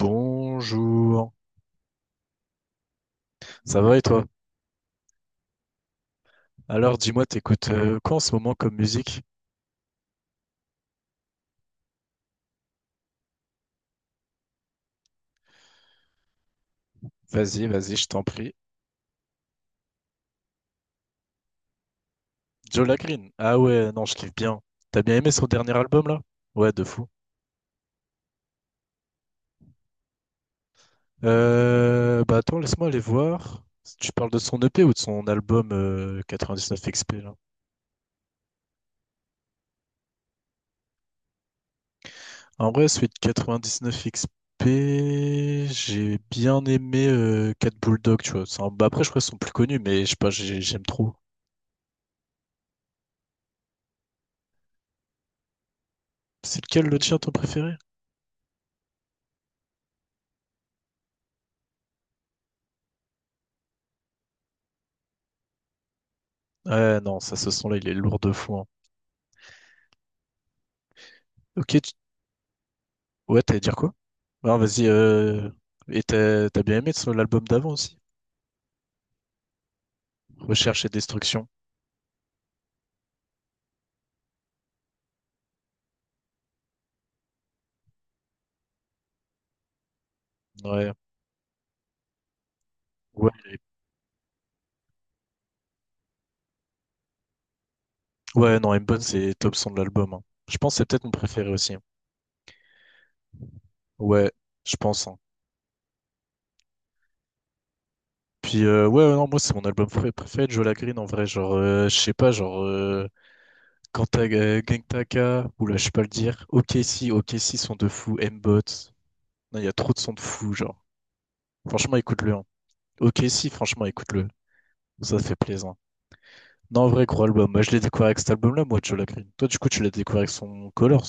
Bonjour, ça va et toi? Alors dis-moi, t'écoutes quoi en ce moment comme musique? Vas-y, vas-y, je t'en prie. Joe Green. Ah ouais, non, je kiffe bien. T'as bien aimé son dernier album là? Ouais, de fou. Bah attends, laisse-moi aller voir. Tu parles de son EP ou de son album 99XP là? En vrai, celui de 99XP, j'ai bien aimé Cat Bulldog, tu vois. Bah, après, je crois qu'ils sont plus connus, mais je sais pas, j'aime trop. C'est lequel le tien, ton préféré? Ouais, non, ça, ce son-là, il est lourd de fou, hein. Ok, ouais, t'allais dire quoi? Non, vas-y. Et t'as bien aimé l'album d'avant aussi? Recherche et Destruction. Ouais, ouais, ouais, non, M-Bone, c'est top son de l'album, hein. Je pense que c'est peut-être mon préféré aussi, hein. Ouais, je pense, hein. Puis, ouais, ouais, non, moi, c'est mon album préféré de Joe Green en vrai. Genre, je sais pas, genre, quand t'as Gang Taka, oula, je sais pas le dire. Ok, si, ok, si, son de fou. M-Bot. Non, il y a trop de sons de fou, genre. Franchement, écoute-le, hein. Ok, si, franchement, écoute-le. Ça fait plaisir. Non, en vrai, gros album. Moi, je l'ai découvert avec cet album-là, moi, Joe Green. Toi, du coup, tu l'as découvert avec son Colors.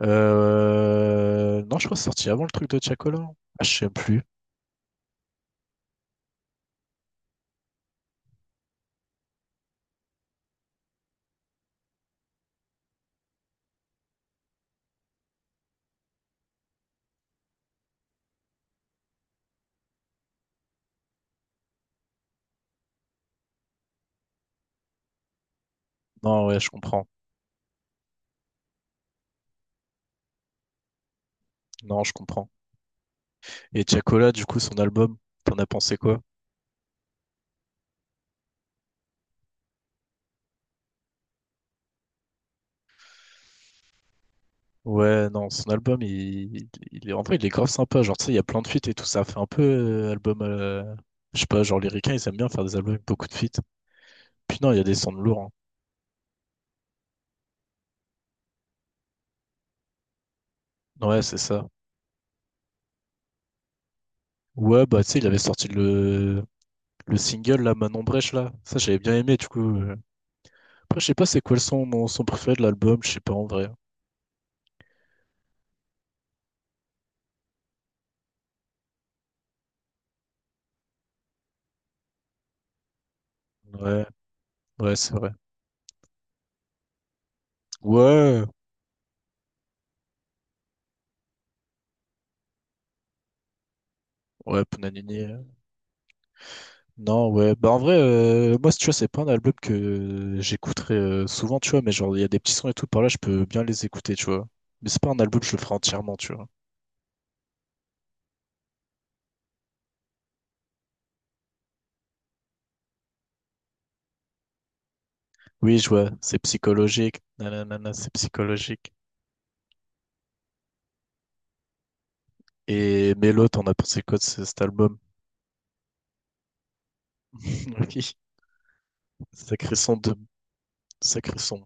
Non, je crois que c'est sorti avant le truc de Tiakola. Ah, je sais plus. Non, ouais, je comprends. Non, je comprends. Et Tiakola, du coup, son album, t'en as pensé quoi? Ouais, non, son album, en vrai, il est grave sympa. Genre, tu sais, il y a plein de feats et tout. Ça fait un peu album. Je sais pas, genre, les Ricains, ils aiment bien faire des albums avec beaucoup de feats. Puis non, il y a des sons de lourds, hein. Ouais, c'est ça. Ouais, bah, tu sais, il avait sorti. Le single, là, Manon Brèche, là, ça j'avais bien aimé, du coup. Après, je sais pas c'est quoi le son, mon son préféré de l'album, je sais pas en vrai. Ouais, ouais, c'est vrai. Ouais, ouais, Ponanini. Non, ouais, bah en vrai, moi, tu vois, c'est pas un album que j'écouterai souvent, tu vois, mais genre, il y a des petits sons et tout par là, je peux bien les écouter, tu vois. Mais c'est pas un album, je le ferai entièrement, tu vois. Oui, je vois, c'est psychologique. Nanana, c'est psychologique. Et Mélo, t'en as pensé quoi de cet album? Oui, sacré son de. Sacré son.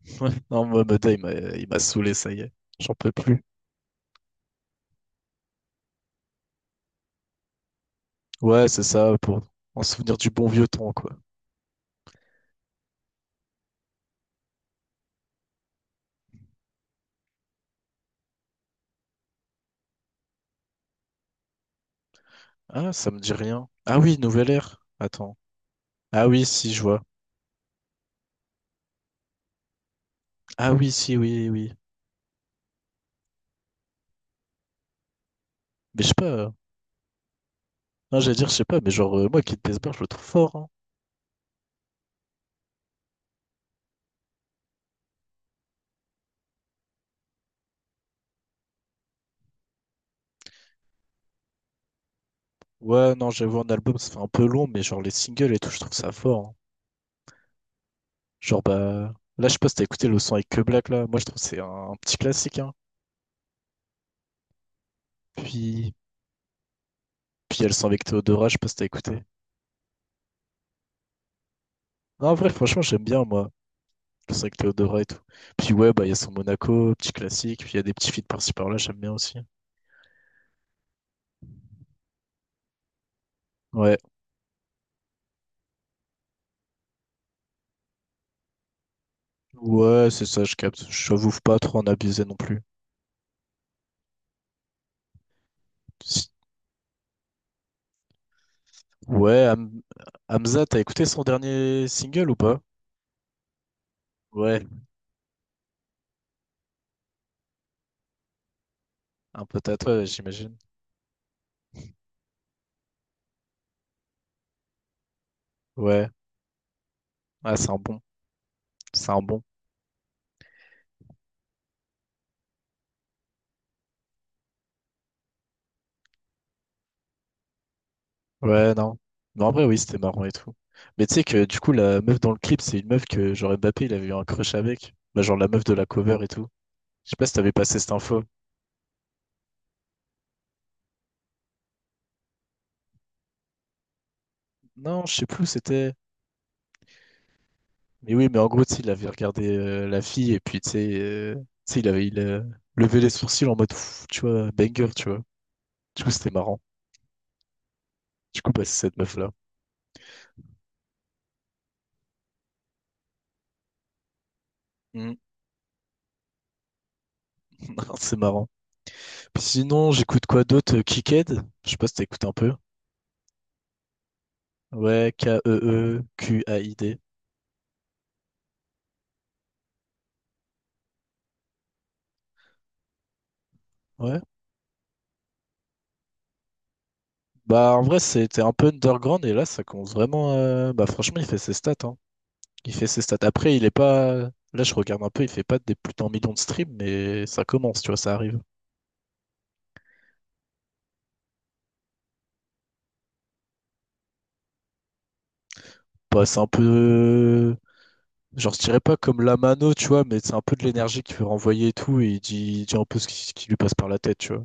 Ouais, non, Mohamedan, il m'a saoulé, ça y est. J'en peux plus. Ouais, c'est ça, pour en souvenir du bon vieux temps, quoi. Ah, ça me dit rien. Ah oui, Nouvelle Ère. Attends. Ah oui, si, je vois. Ah oui, si, oui, oui. Mais je sais pas. Non, j'allais dire, je sais pas, mais genre, moi, Kid Bessbar, je le trouve fort, hein. Ouais, non, j'avoue, un album, ça fait un peu long, mais genre, les singles et tout, je trouve ça fort, hein. Genre, bah. Là, je sais pas si t'as écouté le son avec Que Black, là. Moi, je trouve que c'est un petit classique, hein. Puis. Puis, il y a le son avec Théodora, je sais pas si t'as écouté. Non, en vrai, franchement, j'aime bien, moi. Le 5 Théo Dora et tout. Puis ouais, bah il y a son Monaco, petit classique, puis il y a des petits feats par-ci par-là, j'aime bien aussi. Ouais, ouais, c'est ça, je capte. J'avoue faut pas trop en abuser non plus. Ouais, Hamza, t'as écouté son dernier single ou pas? Ouais, un peu tatoué, j'imagine. Ouais, ah, c'est un bon, c'est un bon. Ouais, non. Mais en vrai, oui, c'était marrant et tout. Mais tu sais que du coup, la meuf dans le clip, c'est une meuf que genre Mbappé, il avait eu un crush avec. Bah, genre la meuf de la cover et tout. Je sais pas si t'avais passé cette info. Non, je sais plus où c'était. Mais oui, mais en gros, tu sais, il avait regardé la fille et puis, tu sais, il a levé les sourcils en mode, Pff, tu vois, banger, tu vois. Du coup, c'était marrant. Du coup, bah, c'est cette meuf-là. Mm. C'est marrant. Puis sinon, j'écoute quoi d'autre? Kicked? Je sais pas si t'écoutes un peu. Ouais, K-E-E-Q-A-I-D. Ouais. Bah, en vrai, c'était un peu underground et là, ça commence vraiment. Bah, franchement, il fait ses stats, hein. Il fait ses stats. Après, il est pas. Là, je regarde un peu, il fait pas des plus d'un million de streams, mais ça commence, tu vois, ça arrive. Bah, c'est un peu. Genre, je dirais pas comme la mano, tu vois, mais c'est un peu de l'énergie qu'il peut renvoyer et tout, et il dit un peu ce qui lui passe par la tête, tu vois.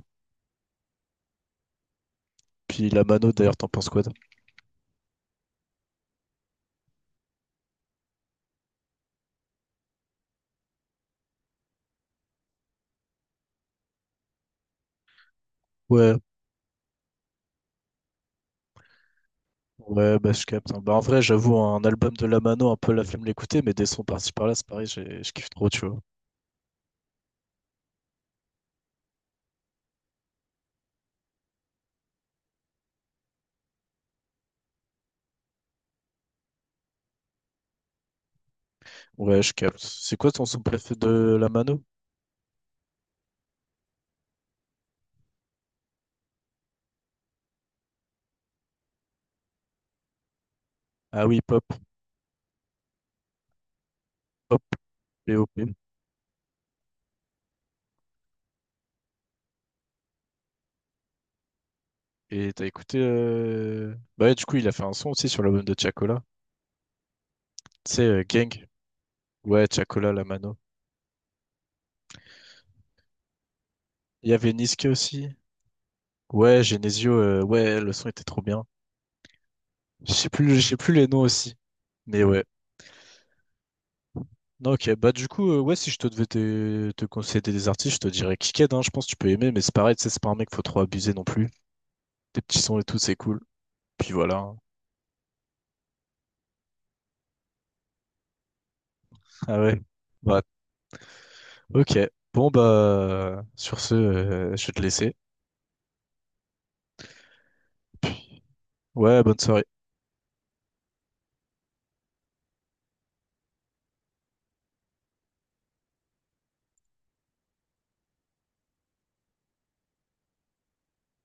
Puis la mano, d'ailleurs, t'en penses quoi? Toi. Ouais, ouais, bah je capte, hein. Bah, en vrai, j'avoue, un album de la mano, un peu la flemme de l'écouter, mais des sons par-ci par-là, c'est pareil, je kiffe trop, tu vois. Ouais, je capte. C'est quoi ton son préféré de la mano? Ah oui, pop, pop, pop. Et t'as écouté. Bah, ouais, du coup, il a fait un son aussi sur l'album de Tiakola. Tu sais, Gang. Ouais, Tiakola, La Mano. Il y avait Niske aussi. Ouais, Genesio. Ouais, le son était trop bien. Je sais plus les noms aussi. Mais ouais. Non, ok. Bah, du coup, ouais, si je te devais te conseiller des artistes, je te dirais Kiked, hein. Je pense que tu peux aimer, mais c'est pareil, tu sais, c'est pas un mec, faut trop abuser non plus. Des petits sons et tout, c'est cool. Puis voilà, hein. Ah ouais. Bah, ok. Bon, bah, sur ce, je vais te laisser. Puis, Ouais, bonne soirée.